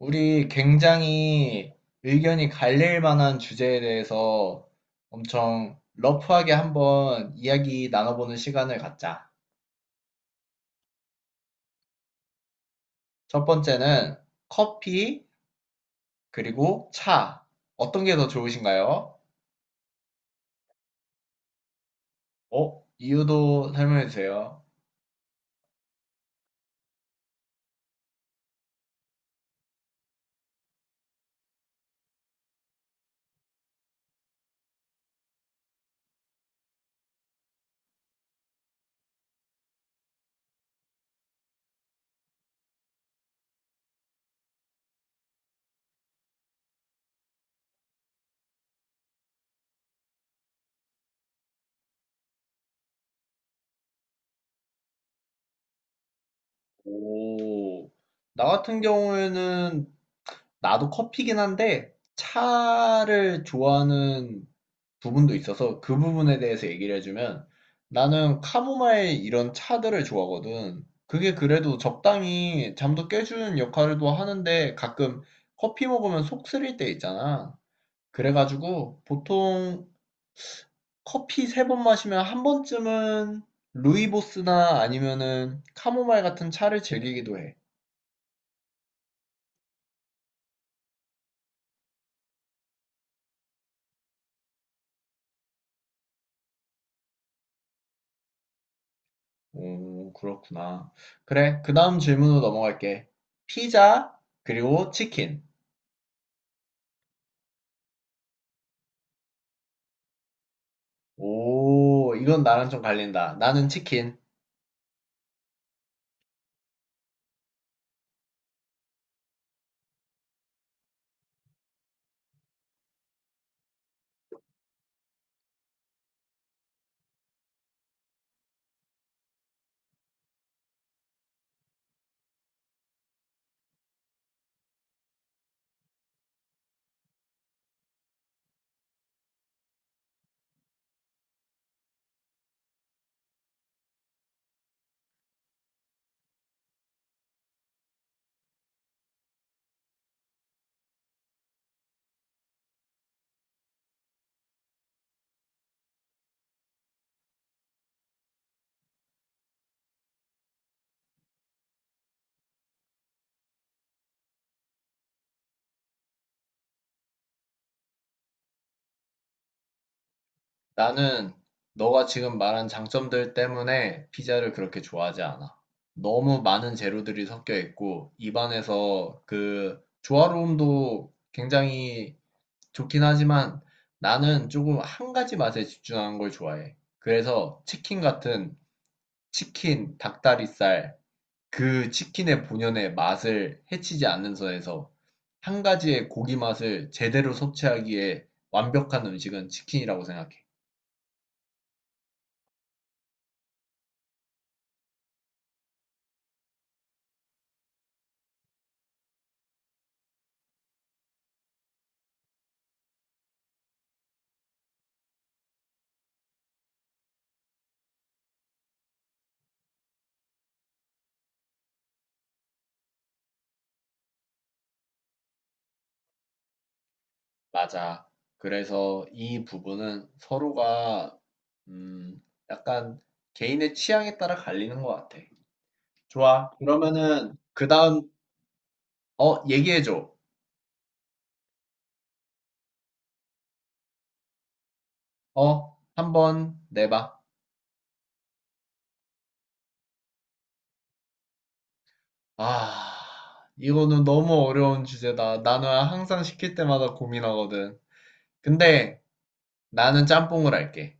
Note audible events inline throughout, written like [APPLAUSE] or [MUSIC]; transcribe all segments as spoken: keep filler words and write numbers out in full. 우리 굉장히 의견이 갈릴 만한 주제에 대해서 엄청 러프하게 한번 이야기 나눠보는 시간을 갖자. 첫 번째는 커피, 그리고 차. 어떤 게 더 좋으신가요? 어? 이유도 설명해 주세요. 오, 나 같은 경우에는 나도 커피긴 한데 차를 좋아하는 부분도 있어서 그 부분에 대해서 얘기를 해주면 나는 카모마일 이런 차들을 좋아하거든. 그게 그래도 적당히 잠도 깨주는 역할도 하는데 가끔 커피 먹으면 속 쓰릴 때 있잖아. 그래가지고 보통 커피 세 번 마시면 한 번쯤은 루이보스나 아니면은 카모마일 같은 차를 즐기기도 해. 오, 그렇구나. 그래, 그 다음 질문으로 넘어갈게. 피자, 그리고 치킨. 오, 이건 나랑 좀 갈린다. 나는 치킨. 나는 너가 지금 말한 장점들 때문에 피자를 그렇게 좋아하지 않아. 너무 많은 재료들이 섞여 있고, 입안에서 그 조화로움도 굉장히 좋긴 하지만 나는 조금 한 가지 맛에 집중하는 걸 좋아해. 그래서 치킨 같은 치킨, 닭다리살, 그 치킨의 본연의 맛을 해치지 않는 선에서 한 가지의 고기 맛을 제대로 섭취하기에 완벽한 음식은 치킨이라고 생각해. 맞아. 그래서 이 부분은 서로가 음, 약간 개인의 취향에 따라 갈리는 것 같아. 좋아. 그러면은 그 다음 어 얘기해줘. 어 한번 내봐. 아 이거는 너무 어려운 주제다. 나는 항상 시킬 때마다 고민하거든. 근데 나는 짬뽕을 할게.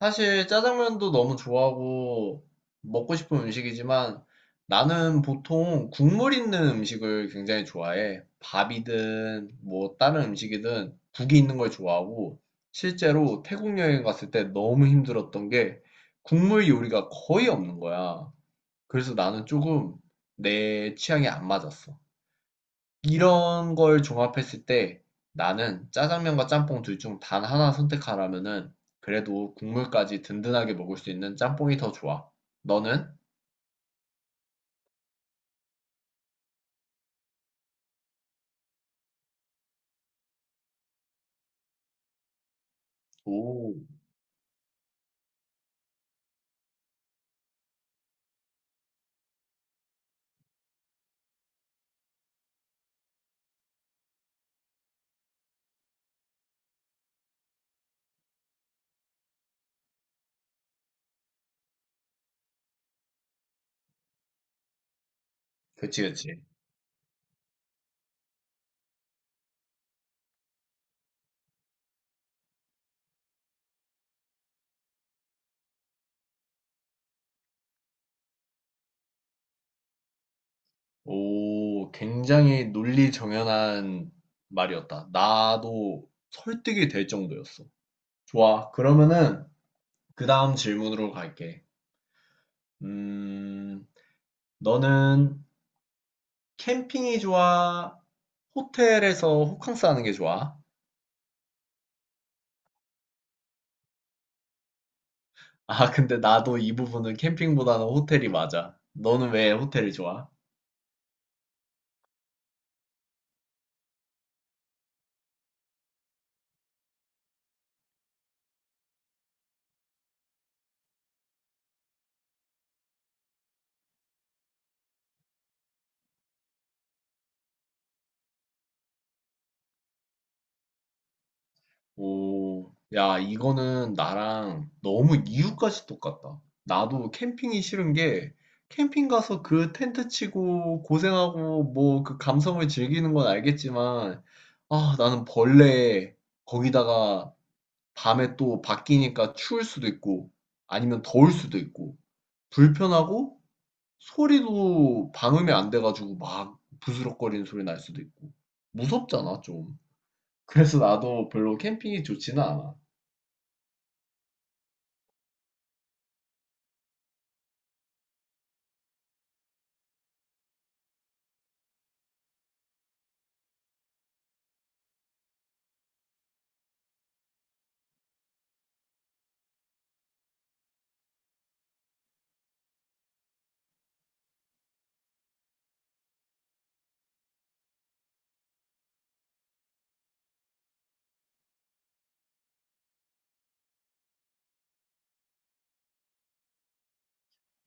사실 짜장면도 너무 좋아하고 먹고 싶은 음식이지만 나는 보통 국물 있는 음식을 굉장히 좋아해. 밥이든 뭐 다른 음식이든 국이 있는 걸 좋아하고 실제로 태국 여행 갔을 때 너무 힘들었던 게 국물 요리가 거의 없는 거야. 그래서 나는 조금 내 취향에 안 맞았어. 이런 걸 종합했을 때 나는 짜장면과 짬뽕 둘 중 단 하나 선택하라면은 그래도 국물까지 든든하게 먹을 수 있는 짬뽕이 더 좋아. 너는? 오, 그치, 그치. 오, 굉장히 논리 정연한 말이었다. 나도 설득이 될 정도였어. 좋아. 그러면은 그 다음 질문으로 갈게. 음, 너는 캠핑이 좋아? 호텔에서 호캉스 하는 게 좋아? 아, 근데 나도 이 부분은 캠핑보다는 호텔이 맞아. 너는 왜 호텔이 좋아? 오, 야, 이거는 나랑 너무 이유까지 똑같다. 나도 캠핑이 싫은 게 캠핑 가서 그 텐트 치고 고생하고 뭐 그 감성을 즐기는 건 알겠지만, 아, 나는 벌레 거기다가 밤에 또 바뀌니까 추울 수도 있고 아니면 더울 수도 있고 불편하고 소리도 방음이 안 돼 가지고 막 부스럭거리는 소리 날 수도 있고. 무섭잖아 좀. 그래서 나도 별로 캠핑이 좋지는 않아.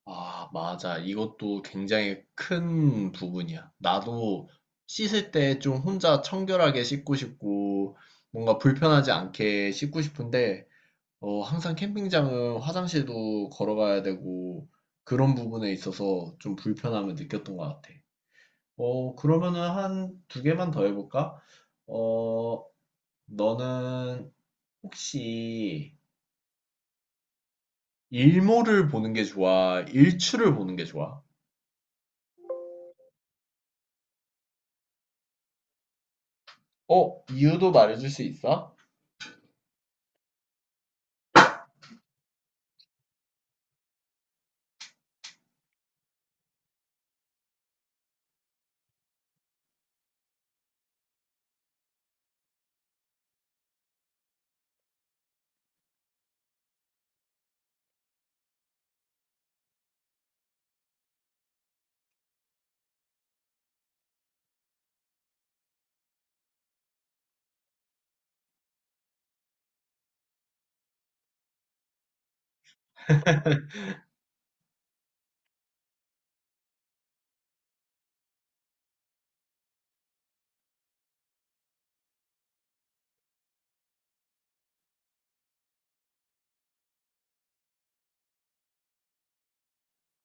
아, 맞아. 이것도 굉장히 큰 부분이야. 나도 씻을 때 좀 혼자 청결하게 씻고 싶고, 뭔가 불편하지 않게 씻고 싶은데, 어, 항상 캠핑장은 화장실도 걸어가야 되고, 그런 부분에 있어서 좀 불편함을 느꼈던 것 같아. 어, 그러면은 한 두 개만 더 해볼까? 어, 너는 혹시 일몰을 보는 게 좋아? 일출을 보는 게 좋아? 어, 이유도 말해줄 수 있어?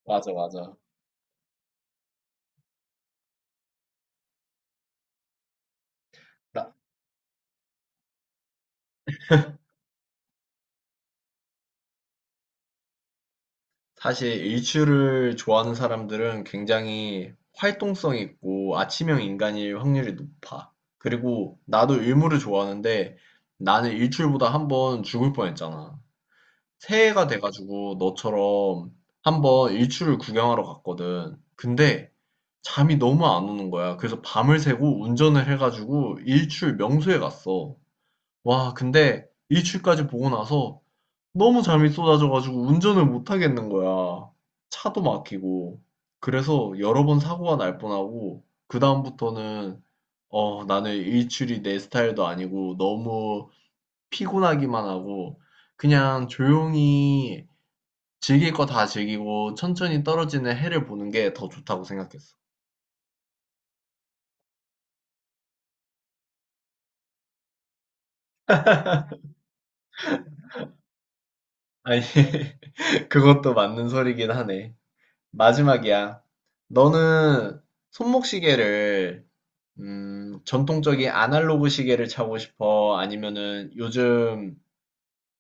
맞아, 맞아. 나- 사실 일출을 좋아하는 사람들은 굉장히 활동성 있고 아침형 인간일 확률이 높아. 그리고 나도 일몰을 좋아하는데 나는 일출보다 한 번 죽을 뻔했잖아. 새해가 돼가지고 너처럼 한번 일출을 구경하러 갔거든. 근데 잠이 너무 안 오는 거야. 그래서 밤을 새고 운전을 해가지고 일출 명소에 갔어. 와, 근데 일출까지 보고 나서 너무 잠이 쏟아져가지고 운전을 못 하겠는 거야. 차도 막히고. 그래서 여러 번 사고가 날 뻔하고, 그다음부터는, 어, 나는 일출이 내 스타일도 아니고 너무 피곤하기만 하고, 그냥 조용히 즐길 거 다 즐기고 천천히 떨어지는 해를 보는 게 더 좋다고 생각했어. 아니, [LAUGHS] 그것도 맞는 소리긴 하네. 마지막이야. 너는 손목시계를, 음, 전통적인 아날로그 시계를 차고 싶어? 아니면은 요즘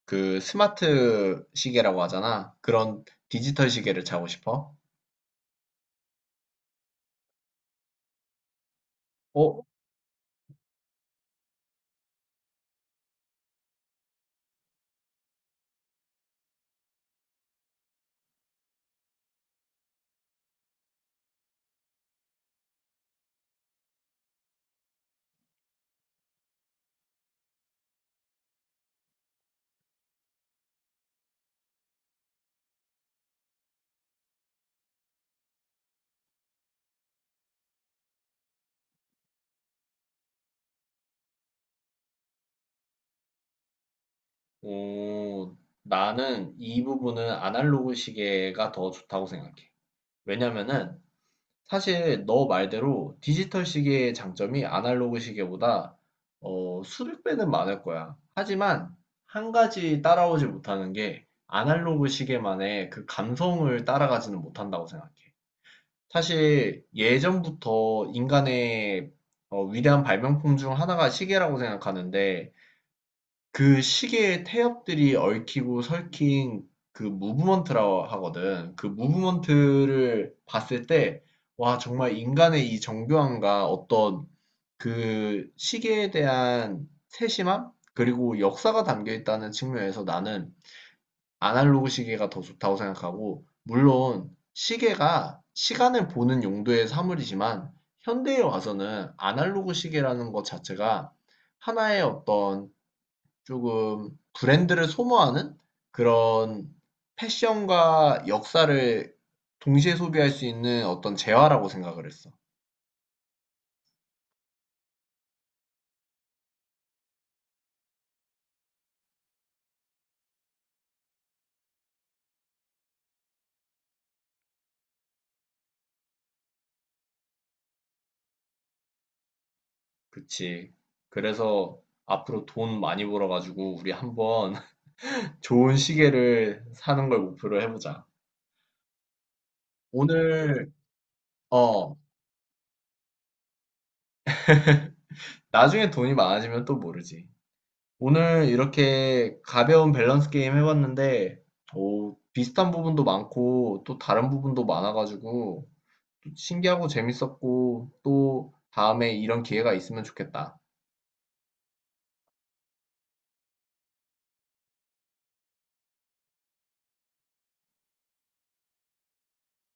그 스마트 시계라고 하잖아. 그런 디지털 시계를 차고 싶어? 어? 오, 나는 이 부분은 아날로그 시계가 더 좋다고 생각해. 왜냐면은 사실 너 말대로 디지털 시계의 장점이 아날로그 시계보다 어, 수백 배는 많을 거야. 하지만 한 가지 따라오지 못하는 게 아날로그 시계만의 그 감성을 따라가지는 못한다고 생각해. 사실 예전부터 인간의 어, 위대한 발명품 중 하나가 시계라고 생각하는데 그 시계에 태엽들이 얽히고 설킨 그 무브먼트라고 하거든. 그 무브먼트를 봤을 때, 와, 정말 인간의 이 정교함과 어떤 그 시계에 대한 세심함? 그리고 역사가 담겨 있다는 측면에서 나는 아날로그 시계가 더 좋다고 생각하고, 물론 시계가 시간을 보는 용도의 사물이지만, 현대에 와서는 아날로그 시계라는 것 자체가 하나의 어떤 조금 브랜드를 소모하는 그런 패션과 역사를 동시에 소비할 수 있는 어떤 재화라고 생각을 했어. 그치. 그래서 앞으로 돈 많이 벌어가지고 우리 한번 [LAUGHS] 좋은 시계를 사는 걸 목표로 해보자. 오늘, 어, 나중에 돈이 많아지면 또 모르지. 오늘 이렇게 가벼운 밸런스 게임 해봤는데, 오, 비슷한 부분도 많고 또 다른 부분도 많아가지고 신기하고 재밌었고 또 다음에 이런 기회가 있으면 좋겠다.